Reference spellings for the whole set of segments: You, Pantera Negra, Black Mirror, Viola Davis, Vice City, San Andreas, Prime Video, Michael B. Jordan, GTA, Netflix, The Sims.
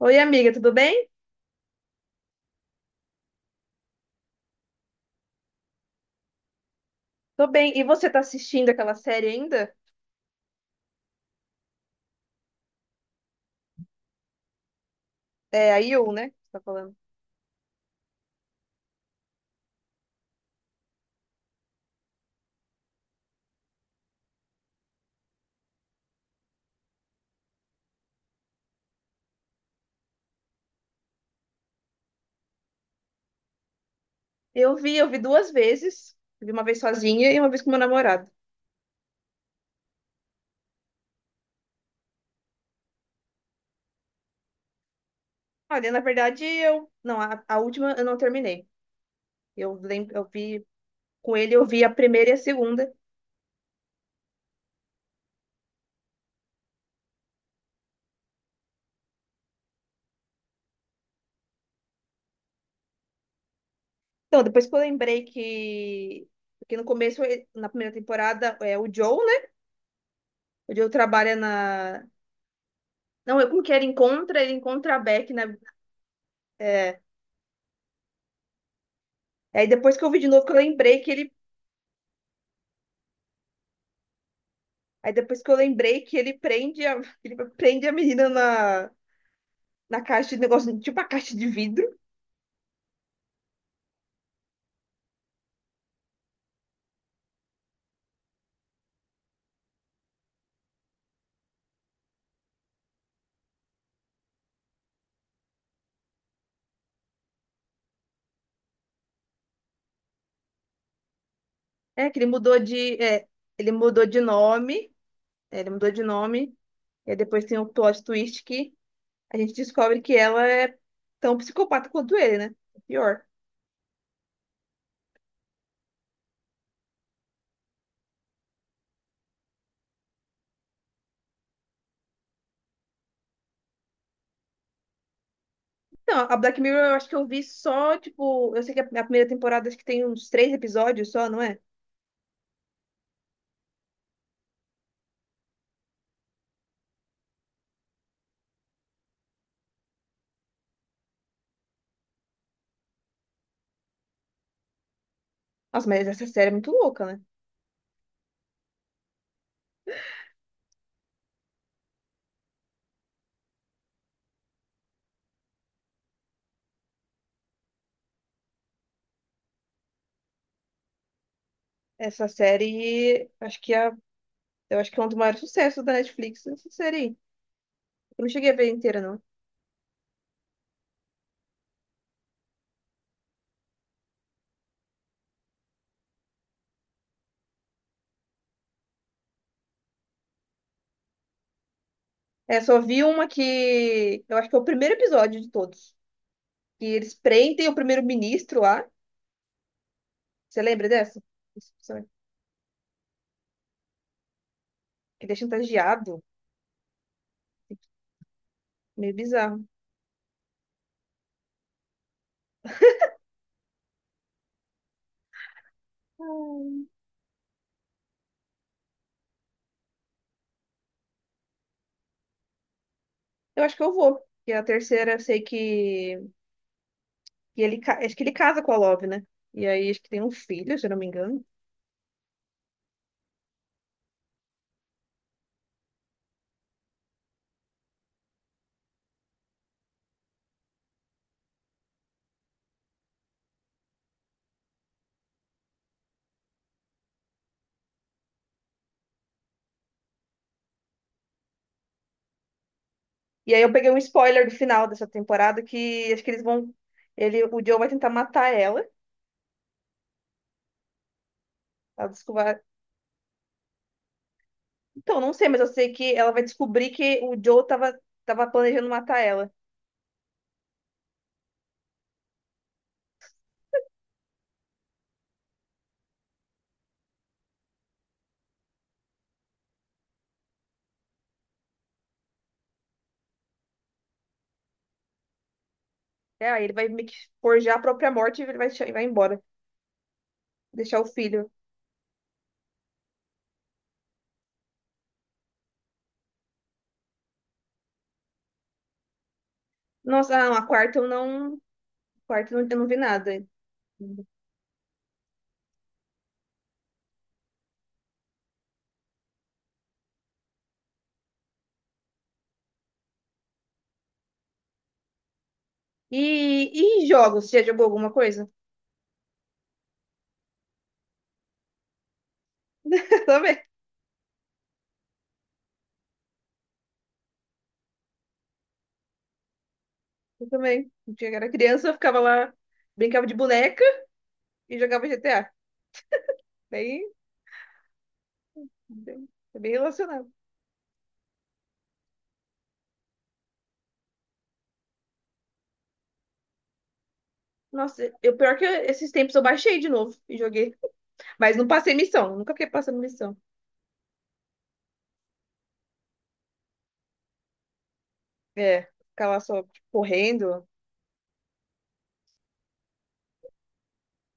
Oi, amiga, tudo bem? Tô bem. E você tá assistindo aquela série ainda? É a You, né? que Você tá falando. Eu vi duas vezes. Eu vi uma vez sozinha e uma vez com meu namorado. Olha, na verdade, eu. Não, a última eu não terminei. Eu vi com ele, eu vi a primeira e a segunda. Então, depois que eu lembrei que. Porque no começo, na primeira temporada, é o Joe, né? O Joe trabalha na. Não, eu como que ele encontra a Beck na. É... Aí depois que eu vi de novo, que eu lembrei que ele. Aí depois que eu lembrei que ele prende ele prende a menina na, na caixa de negócio, tipo a caixa de vidro. É, que ele mudou de, é, ele mudou de nome, é, ele mudou de nome, e aí depois tem o plot twist que a gente descobre que ela é tão psicopata quanto ele, né? Pior. Então, a Black Mirror eu acho que eu vi só, tipo, eu sei que a primeira temporada acho que tem uns três episódios só, não é? Nossa, mas essa série é muito louca, né? Essa série, acho que é, eu acho que é um dos maiores sucessos da Netflix, essa série aí. Eu não cheguei a ver inteira, não. É, só vi uma que. eu acho que é o primeiro episódio de todos. Que eles prendem o primeiro-ministro lá. Você lembra dessa? Que ele é chantageado. Meio bizarro. Hum, Eu acho que eu vou. E a terceira, eu sei que. Que acho que ele casa com a Love, né? E aí, acho que tem um filho, se eu não me engano. E aí, eu peguei um spoiler do final dessa temporada que acho que eles vão. O Joe vai tentar matar ela. Ela descobre... Então, não sei, mas eu sei que ela vai descobrir que o Joe tava planejando matar ela. É, aí ele vai meio que forjar a própria morte e vai embora. Deixar o filho. Nossa, ah, não, a quarta eu não vi nada. E jogos? Você já jogou alguma coisa? Eu também. Eu também. Quando eu era criança, eu ficava lá, brincava de boneca e jogava GTA. Daí, é bem relacionado. Nossa, eu pior que esses tempos eu baixei de novo e joguei. Mas não passei missão. Nunca fiquei passando missão. É, ficar lá só tipo, correndo.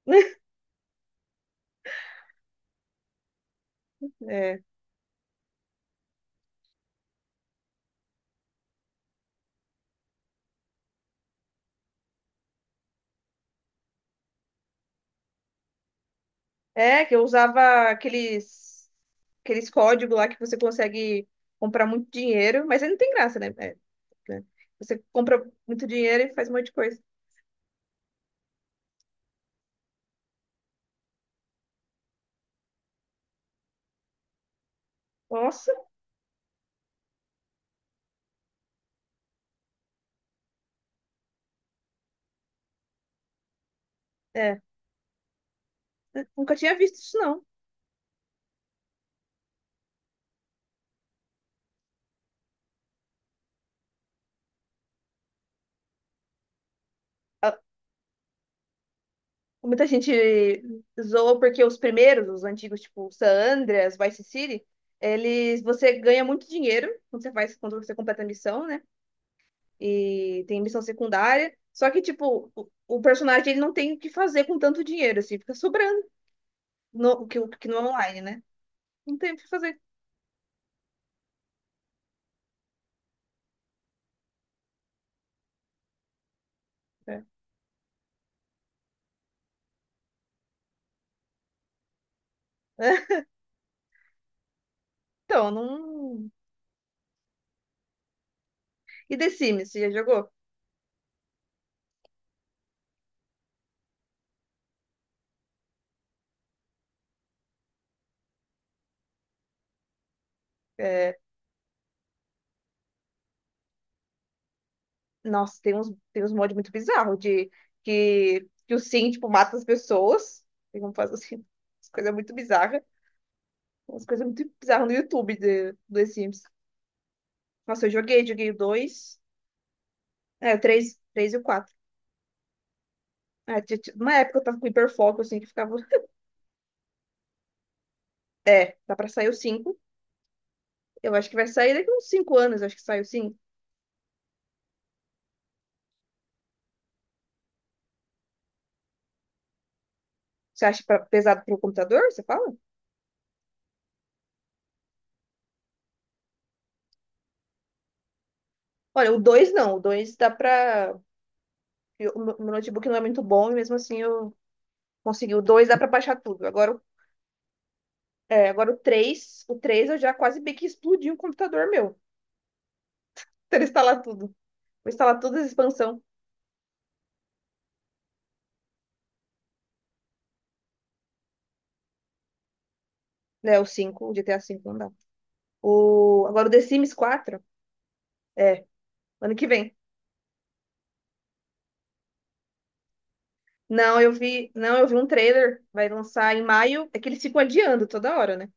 É. É, que eu usava aqueles códigos lá que você consegue comprar muito dinheiro, mas aí não tem graça, né? É, né? Você compra muito dinheiro e faz um monte de coisa. Nossa, é. Nunca tinha visto isso, não. Ah, muita gente zoa porque os primeiros, os antigos, tipo San Andreas, Vice City, eles, você ganha muito dinheiro quando você faz, quando você completa a missão, né? E tem missão secundária. Só que, tipo, o personagem ele não tem o que fazer com tanto dinheiro, assim, fica sobrando que no online, né? Não tem o que fazer. É. Então, não. E The Sims, você já jogou? É, nossa, tem uns mods muito bizarros de que, que o Sim, tipo, mata as pessoas. Tem como fazer assim, umas coisas muito bizarras. Umas coisas muito bizarras no YouTube de, do The Sims. Nossa, joguei o 2, é, o 3 3 e o 4. É, uma época eu tava com hiperfoco, assim, que ficava. É, tá pra sair o 5? Eu acho que vai sair daqui uns 5 anos, acho que sai o 5. Você acha pesado pro computador? Você fala? Olha, o 2 não. O 2 dá pra. Eu- O meu notebook não é muito bom e mesmo assim eu consegui. O 2 dá pra baixar tudo. Agora, o- é, agora o 3, O 3 eu já quase bem que explodi um computador meu. Pra instalar tudo. Vou instalar todas as expansões. Né, o 5, o GTA V não dá. Agora o The Sims 4. É, ano que vem. Não, eu vi um trailer, vai lançar em maio, é que eles ficam adiando toda hora, né?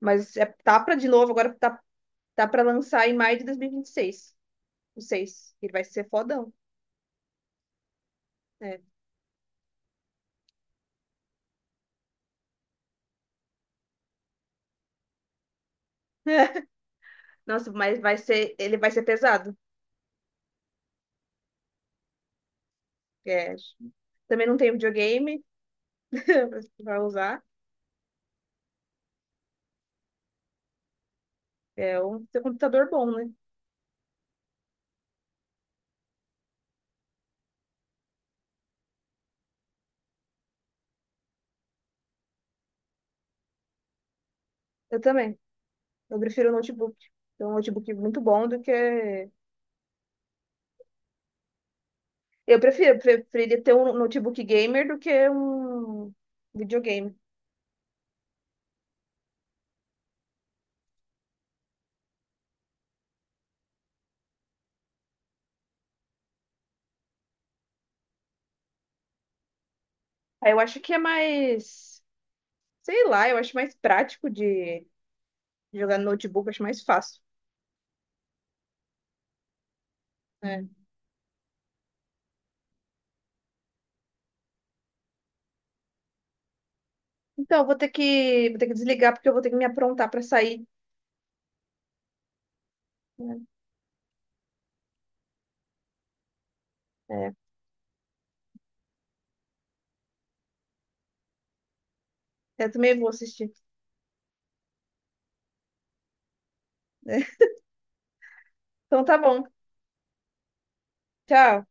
Mas é, tá pra de novo, agora tá, tá pra lançar em maio de 2026. O 6. Ele vai ser fodão. É. Nossa, ele vai ser pesado. É. Também não tenho videogame pra usar. Tem um computador bom, né? Eu também. Eu prefiro notebook. Então, um notebook muito bom do que. Preferia ter um notebook gamer do que um videogame. Aí eu acho que é mais. Sei lá, eu acho mais prático de jogar no notebook, eu acho mais fácil. É. Então, eu vou ter que desligar porque eu vou ter que me aprontar para sair. Né? É. Eu também vou assistir. Então tá bom. Tchau.